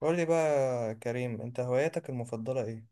قول لي بقى يا كريم، انت هواياتك المفضلة ايه؟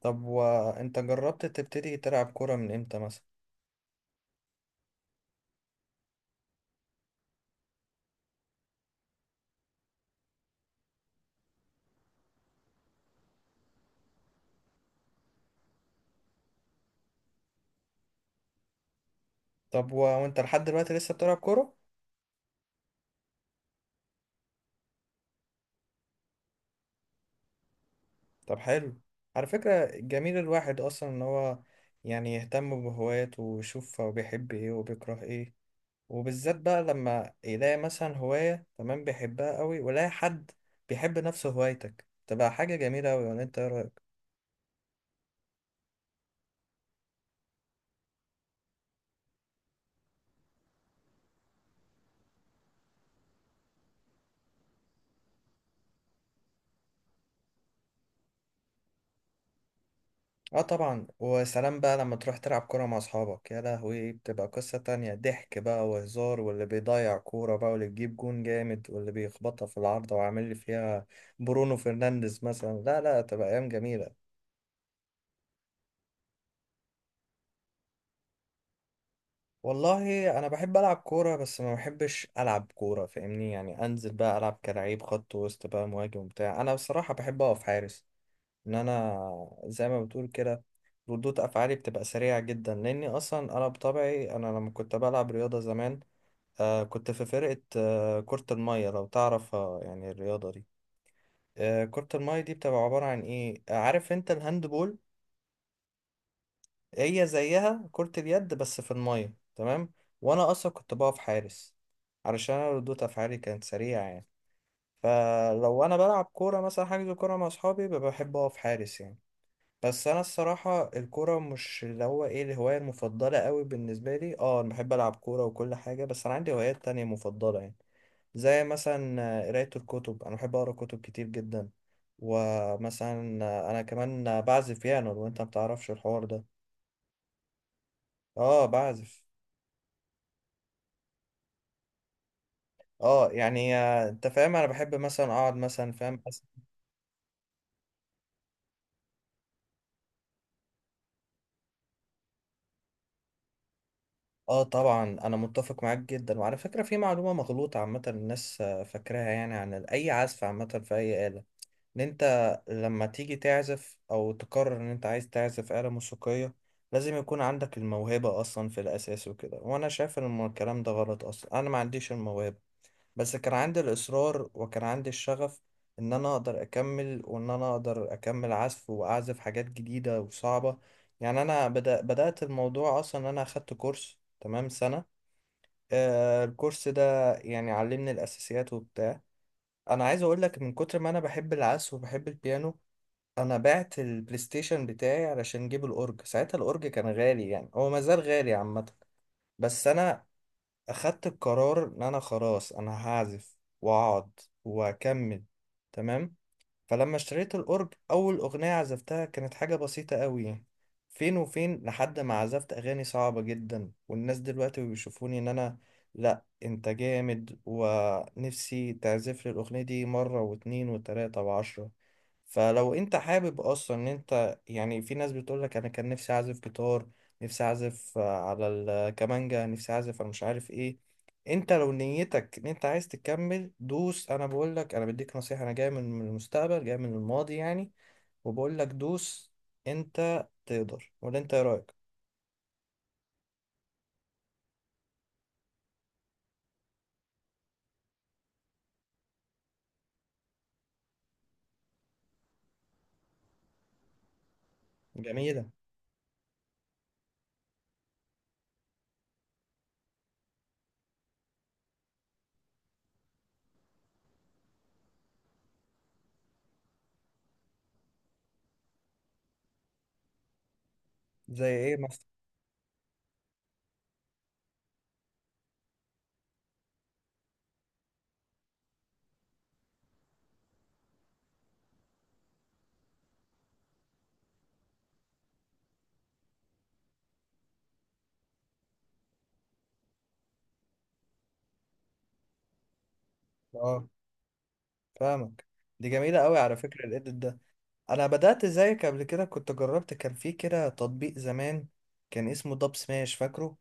طب وانت جربت تبتدي تلعب كورة من امتى مثلا؟ طب وانت لحد دلوقتي لسه بتلعب كورة؟ طب حلو. على فكرة جميل الواحد اصلا ان هو يهتم بهواياته ويشوف هو بيحب ايه وبيكره ايه، وبالذات بقى لما يلاقي مثلا هواية تمام بيحبها قوي ويلاقي حد بيحب نفس هوايتك، تبقى حاجة جميلة قوي. ولا انت ايه رأيك؟ اه طبعا. وسلام بقى لما تروح تلعب كورة مع اصحابك، يا لهوي بتبقى قصة تانية. ضحك بقى وهزار، واللي بيضيع كورة بقى، واللي بيجيب جون جامد، واللي بيخبطها في العارضة وعامل لي فيها برونو فرنانديز مثلا. لا لا، تبقى ايام جميلة. والله انا بحب العب كورة، بس ما بحبش العب كورة فاهمني، يعني انزل بقى العب كلاعب خط وسط بقى مهاجم بتاع. انا بصراحة بحب اقف حارس. ان انا زي ما بتقول كده ردود افعالي بتبقى سريعة جدا، لاني اصلا انا بطبعي انا لما كنت بلعب رياضة زمان، كنت في فرقة كرة المية، لو تعرفها يعني الرياضة دي. كرة المية دي بتبقى عبارة عن إيه آه، عارف أنت الهاندبول؟ هي زيها، كرة اليد بس في المية، تمام. وأنا أصلا كنت بقف حارس علشان أنا ردود أفعالي كانت سريعة يعني. فلو أنا بلعب كورة مثلا، حاجز كورة مع أصحابي، ببقى بحب أقف حارس يعني. بس انا الصراحه الكوره مش اللي هو ايه الهوايه المفضله قوي بالنسبه لي. اه انا بحب العب كوره وكل حاجه، بس انا عندي هوايات تانية مفضله يعني. زي مثلا قرايه الكتب، انا بحب اقرا كتب كتير جدا. ومثلا انا كمان بعزف بيانو، لو انت بتعرفش الحوار ده. اه بعزف. اه يعني انت فاهم، انا بحب مثلا اقعد مثلا فاهم اه طبعا انا متفق معاك جدا. وعلى فكره في معلومه مغلوطه عامه الناس فاكراها، يعني عن اي عزف عامه في اي آلة، ان انت لما تيجي تعزف او تقرر ان انت عايز تعزف آلة موسيقية لازم يكون عندك الموهبة اصلا في الاساس وكده. وانا شايف ان الكلام ده غلط. اصلا انا ما عنديش الموهبة، بس كان عندي الاصرار وكان عندي الشغف ان انا اقدر اكمل، وان انا اقدر اكمل عزف واعزف حاجات جديدة وصعبة يعني. انا بدأت الموضوع اصلا ان انا اخدت كورس تمام سنة. الكورس ده يعني علمني الاساسيات وبتاع. انا عايز اقول لك من كتر ما انا بحب العزف وبحب البيانو، انا بعت البلاي ستيشن بتاعي علشان جيب الاورج. ساعتها الاورج كان غالي، يعني هو ما زال غالي عامه، بس انا اخدت القرار ان انا خلاص انا هعزف واقعد واكمل. تمام. فلما اشتريت الأورج أول أغنية عزفتها كانت حاجة بسيطة قوي. فين وفين لحد ما عزفت أغاني صعبة جدا، والناس دلوقتي بيشوفوني إن أنا لأ أنت جامد، ونفسي تعزف لي الأغنية دي مرة واتنين وتلاتة وعشرة. فلو أنت حابب أصلا إن أنت، يعني في ناس بتقولك أنا كان نفسي أعزف جيتار، نفسي أعزف على الكمانجا، نفسي أعزف أنا مش عارف إيه، انت لو نيتك ان انت عايز تكمل دوس. انا بقول لك، انا بديك نصيحة، انا جاي من المستقبل، جاي من الماضي يعني، وبقول لك دوس. انت تقدر. ولا انت ايه رأيك؟ جميلة. زي ايه مثلا؟ اه فاهمك. دي جميلة قوي على فكرة الإيديت ده. انا بدأت زيك قبل كده، كنت جربت، كان في كده تطبيق زمان كان اسمه داب سماش، فاكره؟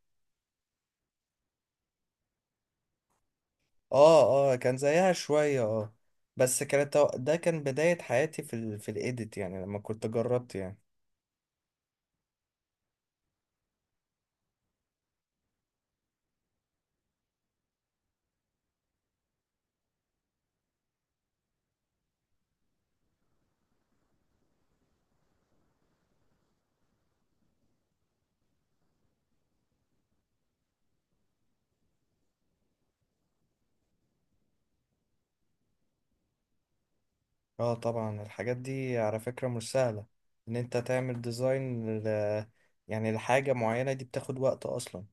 اه اه، كان زيها شوية اه. بس كانت ده كان بداية حياتي في ال في الإيديت يعني لما كنت جربت يعني. اه طبعا، الحاجات دي على فكرة مش سهلة، ان انت تعمل ديزاين يعني لحاجة معينة، دي بتاخد وقت اصلا.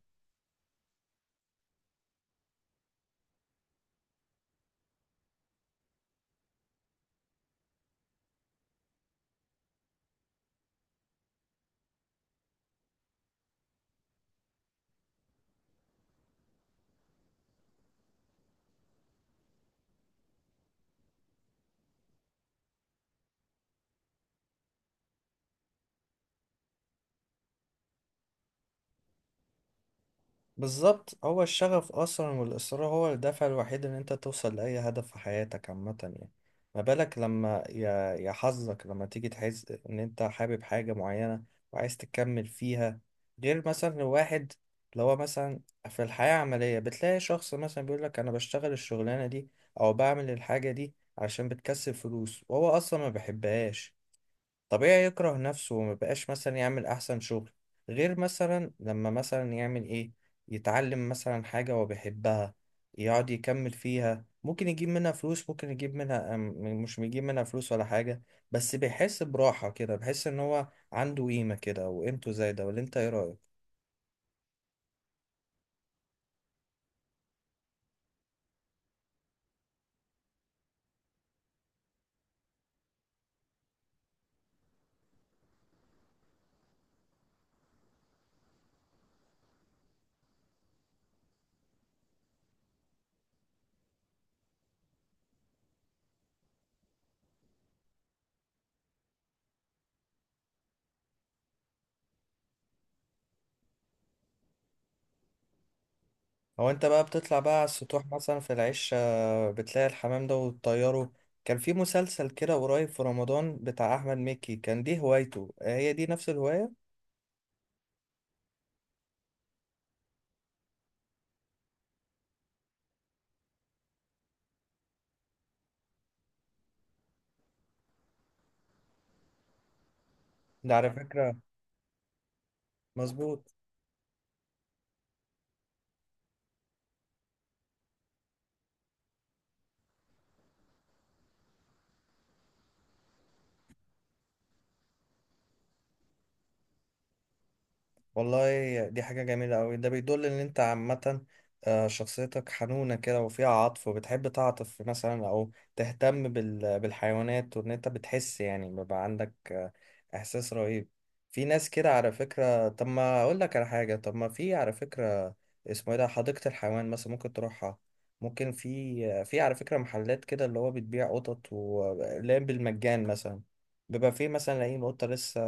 بالظبط، هو الشغف اصلا والاصرار هو الدافع الوحيد ان انت توصل لاي هدف في حياتك عامه يعني. ما بالك لما يا حظك لما تيجي تحس ان انت حابب حاجه معينه وعايز تكمل فيها. غير مثلا واحد اللي هو مثلا في الحياه العمليه بتلاقي شخص مثلا بيقول لك انا بشتغل الشغلانه دي او بعمل الحاجه دي عشان بتكسب فلوس، وهو اصلا ما بيحبهاش. طبيعي يكره نفسه وما بقاش مثلا يعمل احسن شغل. غير مثلا لما مثلا يعمل ايه، يتعلم مثلا حاجة هو بيحبها، يقعد يكمل فيها، ممكن يجيب منها فلوس، ممكن يجيب منها مش بيجيب منها فلوس ولا حاجة، بس بيحس براحة كده، بيحس ان هو عنده قيمة كده وقيمته زايدة. ولا انت ايه رأيك؟ هو انت بقى بتطلع بقى على السطوح مثلا في العش بتلاقي الحمام ده وتطيره؟ كان في مسلسل كده قريب في رمضان بتاع احمد مكي، كان دي هوايته، هي دي نفس الهواية. ده على فكرة مظبوط. والله دي حاجة جميلة أوي، ده بيدل إن أنت عامة شخصيتك حنونة كده وفيها عطف، وبتحب تعطف مثلا أو تهتم بالحيوانات، وإن أنت بتحس يعني بيبقى عندك إحساس رهيب. في ناس كده على فكرة. طب ما أقول لك على حاجة، طب ما في على فكرة، اسمه إيه ده، حديقة الحيوان مثلا ممكن تروحها. ممكن في في على فكرة محلات كده اللي هو بتبيع قطط، ولا بالمجان مثلا بيبقى في مثلا لاقيين قطة لسه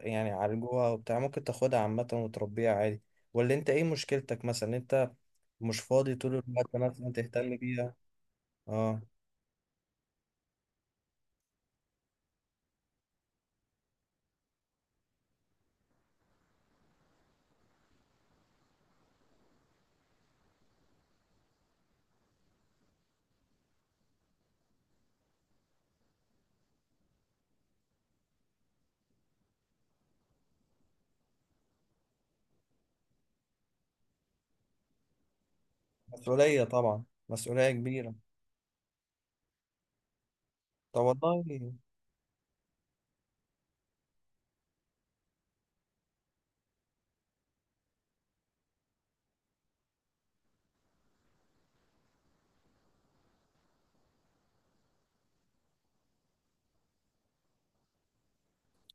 يعني عالجوها وبتاع، ممكن تاخدها عامة وتربيها عادي. ولا انت ايه مشكلتك، مثلا انت مش فاضي طول الوقت مثلا تهتم بيها؟ اه مسؤولية طبعا، مسؤولية كبيرة. طب والله.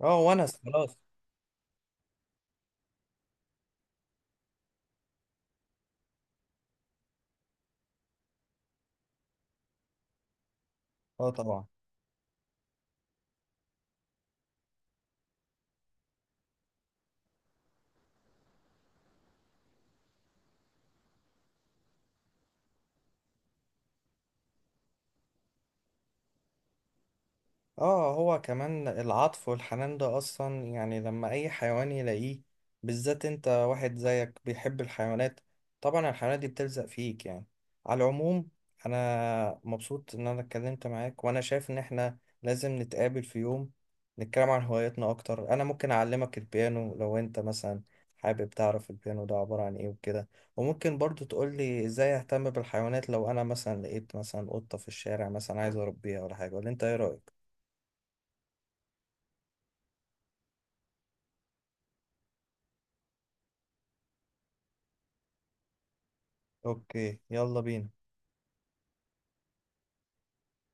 اه ونس خلاص. اه طبعا. اه هو كمان العطف والحنان ده اصلا، يعني لما اي حيوان يلاقيه، بالذات انت واحد زيك بيحب الحيوانات، طبعا الحيوانات دي بتلزق فيك يعني. على العموم، انا مبسوط ان انا اتكلمت معاك، وانا شايف ان احنا لازم نتقابل في يوم نتكلم عن هواياتنا اكتر. انا ممكن اعلمك البيانو لو انت مثلا حابب تعرف البيانو ده عبارة عن ايه وكده، وممكن برضو تقولي ازاي اهتم بالحيوانات لو انا مثلا لقيت مثلا قطة في الشارع مثلا عايز اربيها ولا حاجة. ولا انت ايه رأيك؟ اوكي يلا بينا.